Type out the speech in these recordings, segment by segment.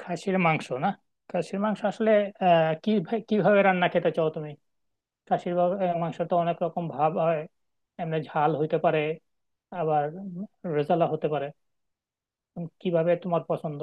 খাসির মাংস না। খাসির মাংস আসলে আহ কি কিভাবে রান্না খেতে চাও তুমি? মাংস তো অনেক রকম ভাব হয়। এমনি ঝাল হইতে পারে, আবার রেজালা হতে পারে। কিভাবে তোমার পছন্দ?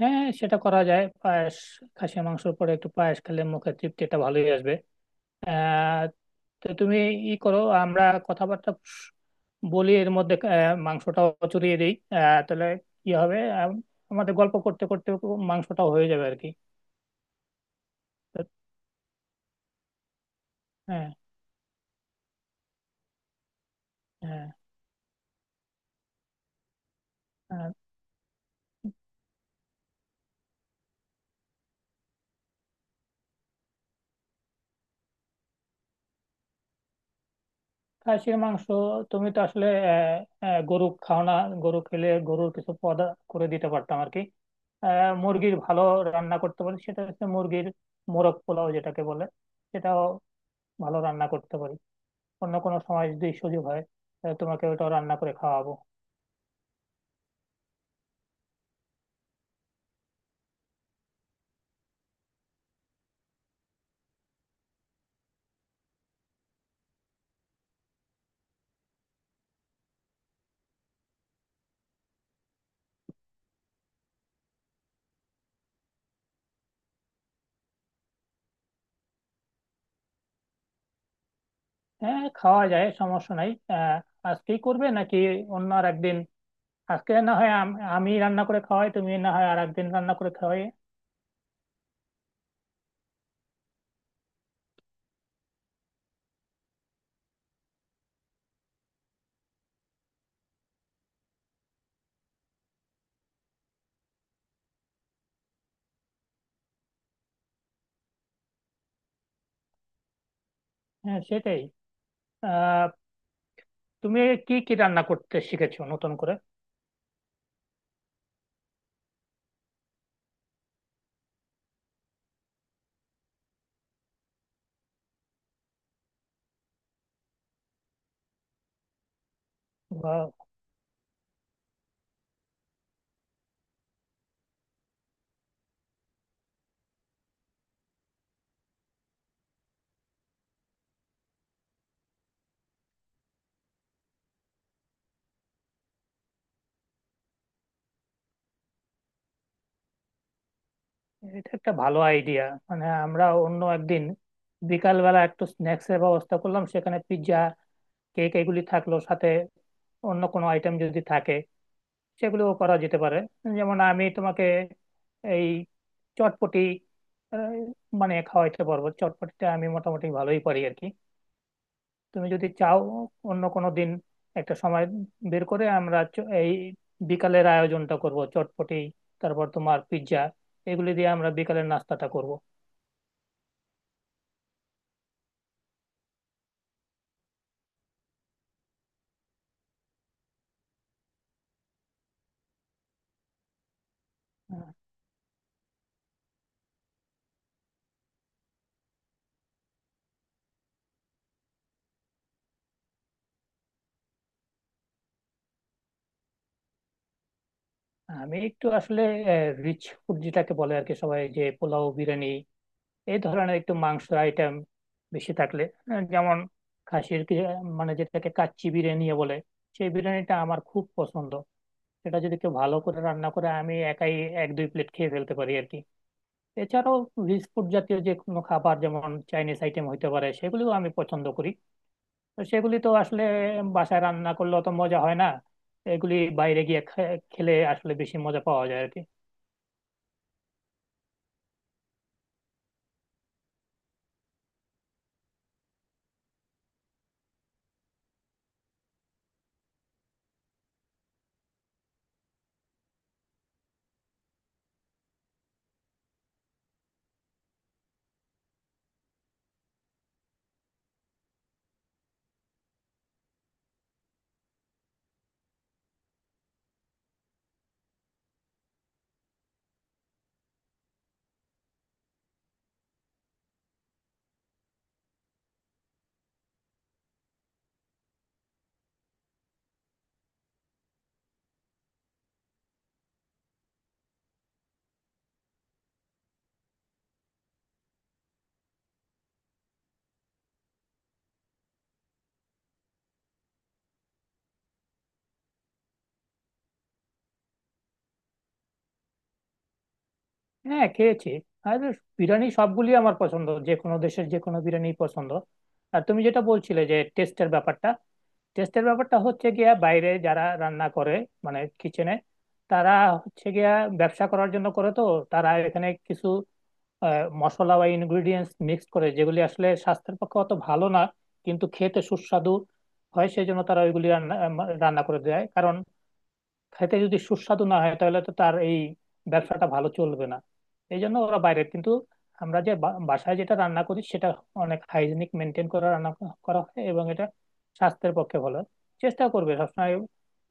হ্যাঁ, সেটা করা যায়, পায়েস। খাসির মাংসের পরে একটু পায়েস খেলে মুখে তৃপ্তিটা ভালোই আসবে। আহ তো তুমি ই করো, আমরা কথাবার্তা বলি, এর মধ্যে মাংসটাও চড়িয়ে দিই। তাহলে কি হবে, আমাদের গল্প করতে করতে মাংসটাও হয়ে যাবে আর কি। তো, হ্যাঁ। হ্যাঁ। হ্যাঁ, খাসির মাংস। তুমি তো আসলে আহ, আহ, গরু খাও না? গরু খেলে গরুর কিছু পদ করে দিতে পারতাম আর কি। মুরগির ভালো রান্না করতে পারি, সেটা হচ্ছে মুরগির মোরগ পোলাও যেটাকে বলে, সেটাও ভালো রান্না করতে পারি। অন্য কোনো সময় যদি সুযোগ হয়, তাহলে তোমাকে ওটাও রান্না করে খাওয়াবো। হ্যাঁ, খাওয়া যায়, সমস্যা নাই। আজকেই করবে নাকি অন্য আর একদিন? আজকে না হয় আমি রান্না করে খাওয়াই, তুমি না হয় আর একদিন রান্না করে খাওয়াই। হ্যাঁ, সেটাই। আহ তুমি কি কি রান্না করতে শিখেছো নতুন করে? বা, এটা একটা ভালো আইডিয়া। মানে আমরা অন্য একদিন বিকালবেলা একটু স্ন্যাক্স এর ব্যবস্থা করলাম, সেখানে পিৎজা, কেক এগুলি থাকলো, সাথে অন্য কোনো আইটেম যদি থাকে সেগুলোও করা যেতে পারে। যেমন আমি তোমাকে এই চটপটি আহ, বানিয়ে খাওয়াইতে পারবো, চটপটিটা আমি মোটামুটি ভালোই পারি আর কি। তুমি যদি চাও, অন্য কোনো দিন একটা সময় বের করে আমরা এই বিকালের আয়োজনটা করব। চটপটি, তারপর তোমার পিৎজা, এগুলি দিয়ে আমরা বিকালের নাস্তাটা করব। আহ, আমি একটু আসলে রিচ ফুড যেটাকে বলে আর কি, সবাই যে পোলাও বিরিয়ানি এই ধরনের একটু মাংসের আইটেম বেশি থাকলে, যেমন খাসির কি, মানে যেটাকে কাচ্চি বিরিয়ানি বলে, সেই বিরিয়ানিটা আমার খুব পছন্দ। সেটা যদি কেউ ভালো করে রান্না করে, আমি একাই 1-2 প্লেট খেয়ে ফেলতে পারি আর কি। এছাড়াও রিচ ফুড জাতীয় যে কোনো খাবার যেমন চাইনিজ আইটেম হইতে পারে, সেগুলিও আমি পছন্দ করি। তো সেগুলি তো আসলে বাসায় রান্না করলে অত মজা হয় না, এগুলি বাইরে গিয়ে খেলে আসলে বেশি মজা পাওয়া যায় আর কি। হ্যাঁ, খেয়েছি। আর বিরিয়ানি সবগুলি আমার পছন্দ, যে কোনো দেশের যে কোনো বিরিয়ানি পছন্দ। আর তুমি যেটা বলছিলে যে টেস্টের ব্যাপারটা, টেস্টের ব্যাপারটা হচ্ছে গিয়া বাইরে যারা রান্না করে, মানে কিচেনে, তারা হচ্ছে গিয়া ব্যবসা করার জন্য করে। তো তারা এখানে কিছু মশলা বা ইনগ্রিডিয়েন্টস মিক্স করে, যেগুলি আসলে স্বাস্থ্যের পক্ষে অত ভালো না, কিন্তু খেতে সুস্বাদু হয়। সেই জন্য তারা ওইগুলি রান্না করে দেয়, কারণ খেতে যদি সুস্বাদু না হয় তাহলে তো তার এই ব্যবসাটা ভালো চলবে না। এই জন্য ওরা বাইরে কিন্তু, আমরা যে বাসায় যেটা রান্না করি, সেটা অনেক হাইজিনিক মেনটেন করে রান্না করা হয়, এবং এটা স্বাস্থ্যের পক্ষে ভালো। চেষ্টা করবে সবসময়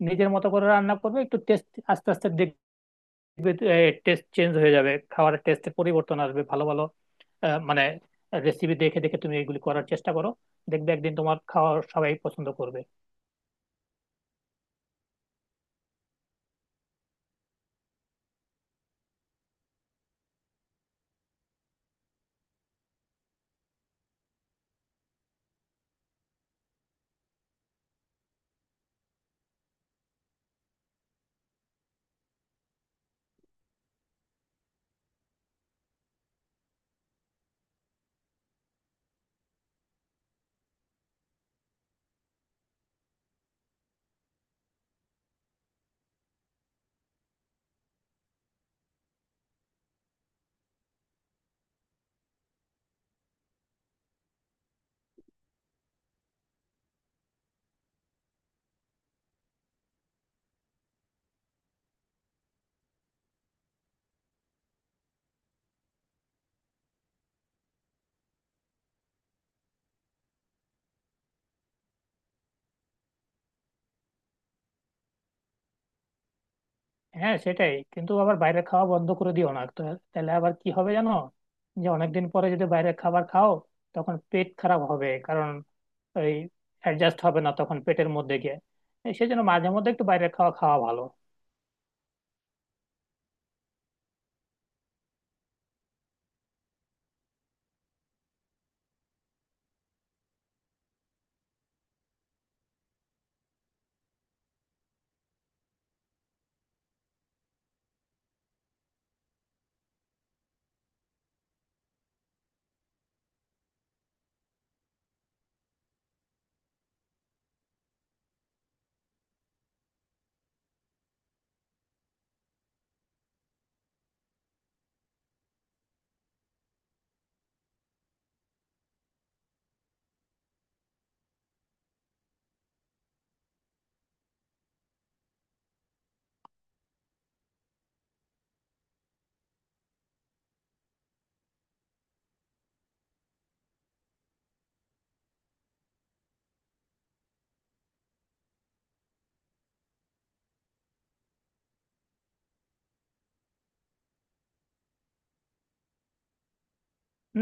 নিজের মতো করে রান্না করবে, একটু টেস্ট আস্তে আস্তে দেখবে টেস্ট চেঞ্জ হয়ে যাবে, খাবারের টেস্টে পরিবর্তন আসবে, ভালো ভালো মানে রেসিপি দেখে দেখে তুমি এগুলি করার চেষ্টা করো। দেখবে একদিন তোমার খাওয়া সবাই পছন্দ করবে। হ্যাঁ, সেটাই, কিন্তু আবার বাইরের খাওয়া বন্ধ করে দিও না তো। তাহলে আবার কি হবে জানো, যে অনেকদিন পরে যদি বাইরের খাবার খাও, তখন পেট খারাপ হবে, কারণ ওই অ্যাডজাস্ট হবে না তখন পেটের মধ্যে গিয়ে। এই সেজন্য মাঝে মধ্যে একটু বাইরের খাওয়া খাওয়া ভালো।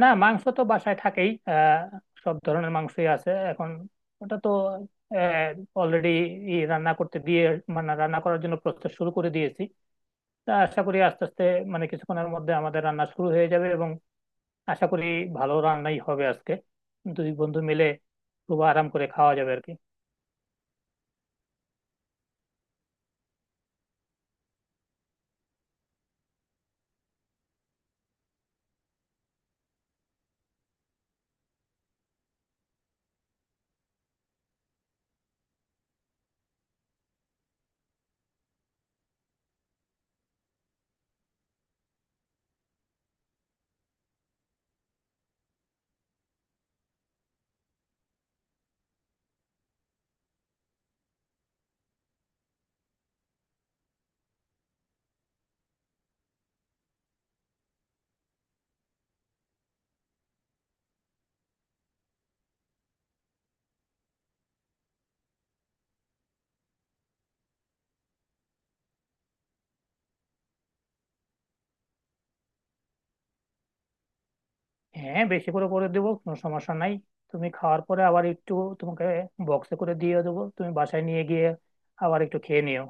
না, মাংস তো বাসায় থাকেই। সব ধরনের মাংসই আছে এখন। ওটা তো অলরেডি রান্না করতে দিয়ে, মানে রান্না করার জন্য প্রসেস শুরু করে দিয়েছি। তা আশা করি আস্তে আস্তে, মানে কিছুক্ষণের মধ্যে আমাদের রান্না শুরু হয়ে যাবে, এবং আশা করি ভালো রান্নাই হবে আজকে। দুই বন্ধু মিলে খুব আরাম করে খাওয়া যাবে আর কি। হ্যাঁ, বেশি করে করে দেবো, কোনো সমস্যা নাই। তুমি খাওয়ার পরে আবার একটু তোমাকে বক্সে করে দিয়ে দেবো, তুমি বাসায় নিয়ে গিয়ে আবার একটু খেয়ে নিও।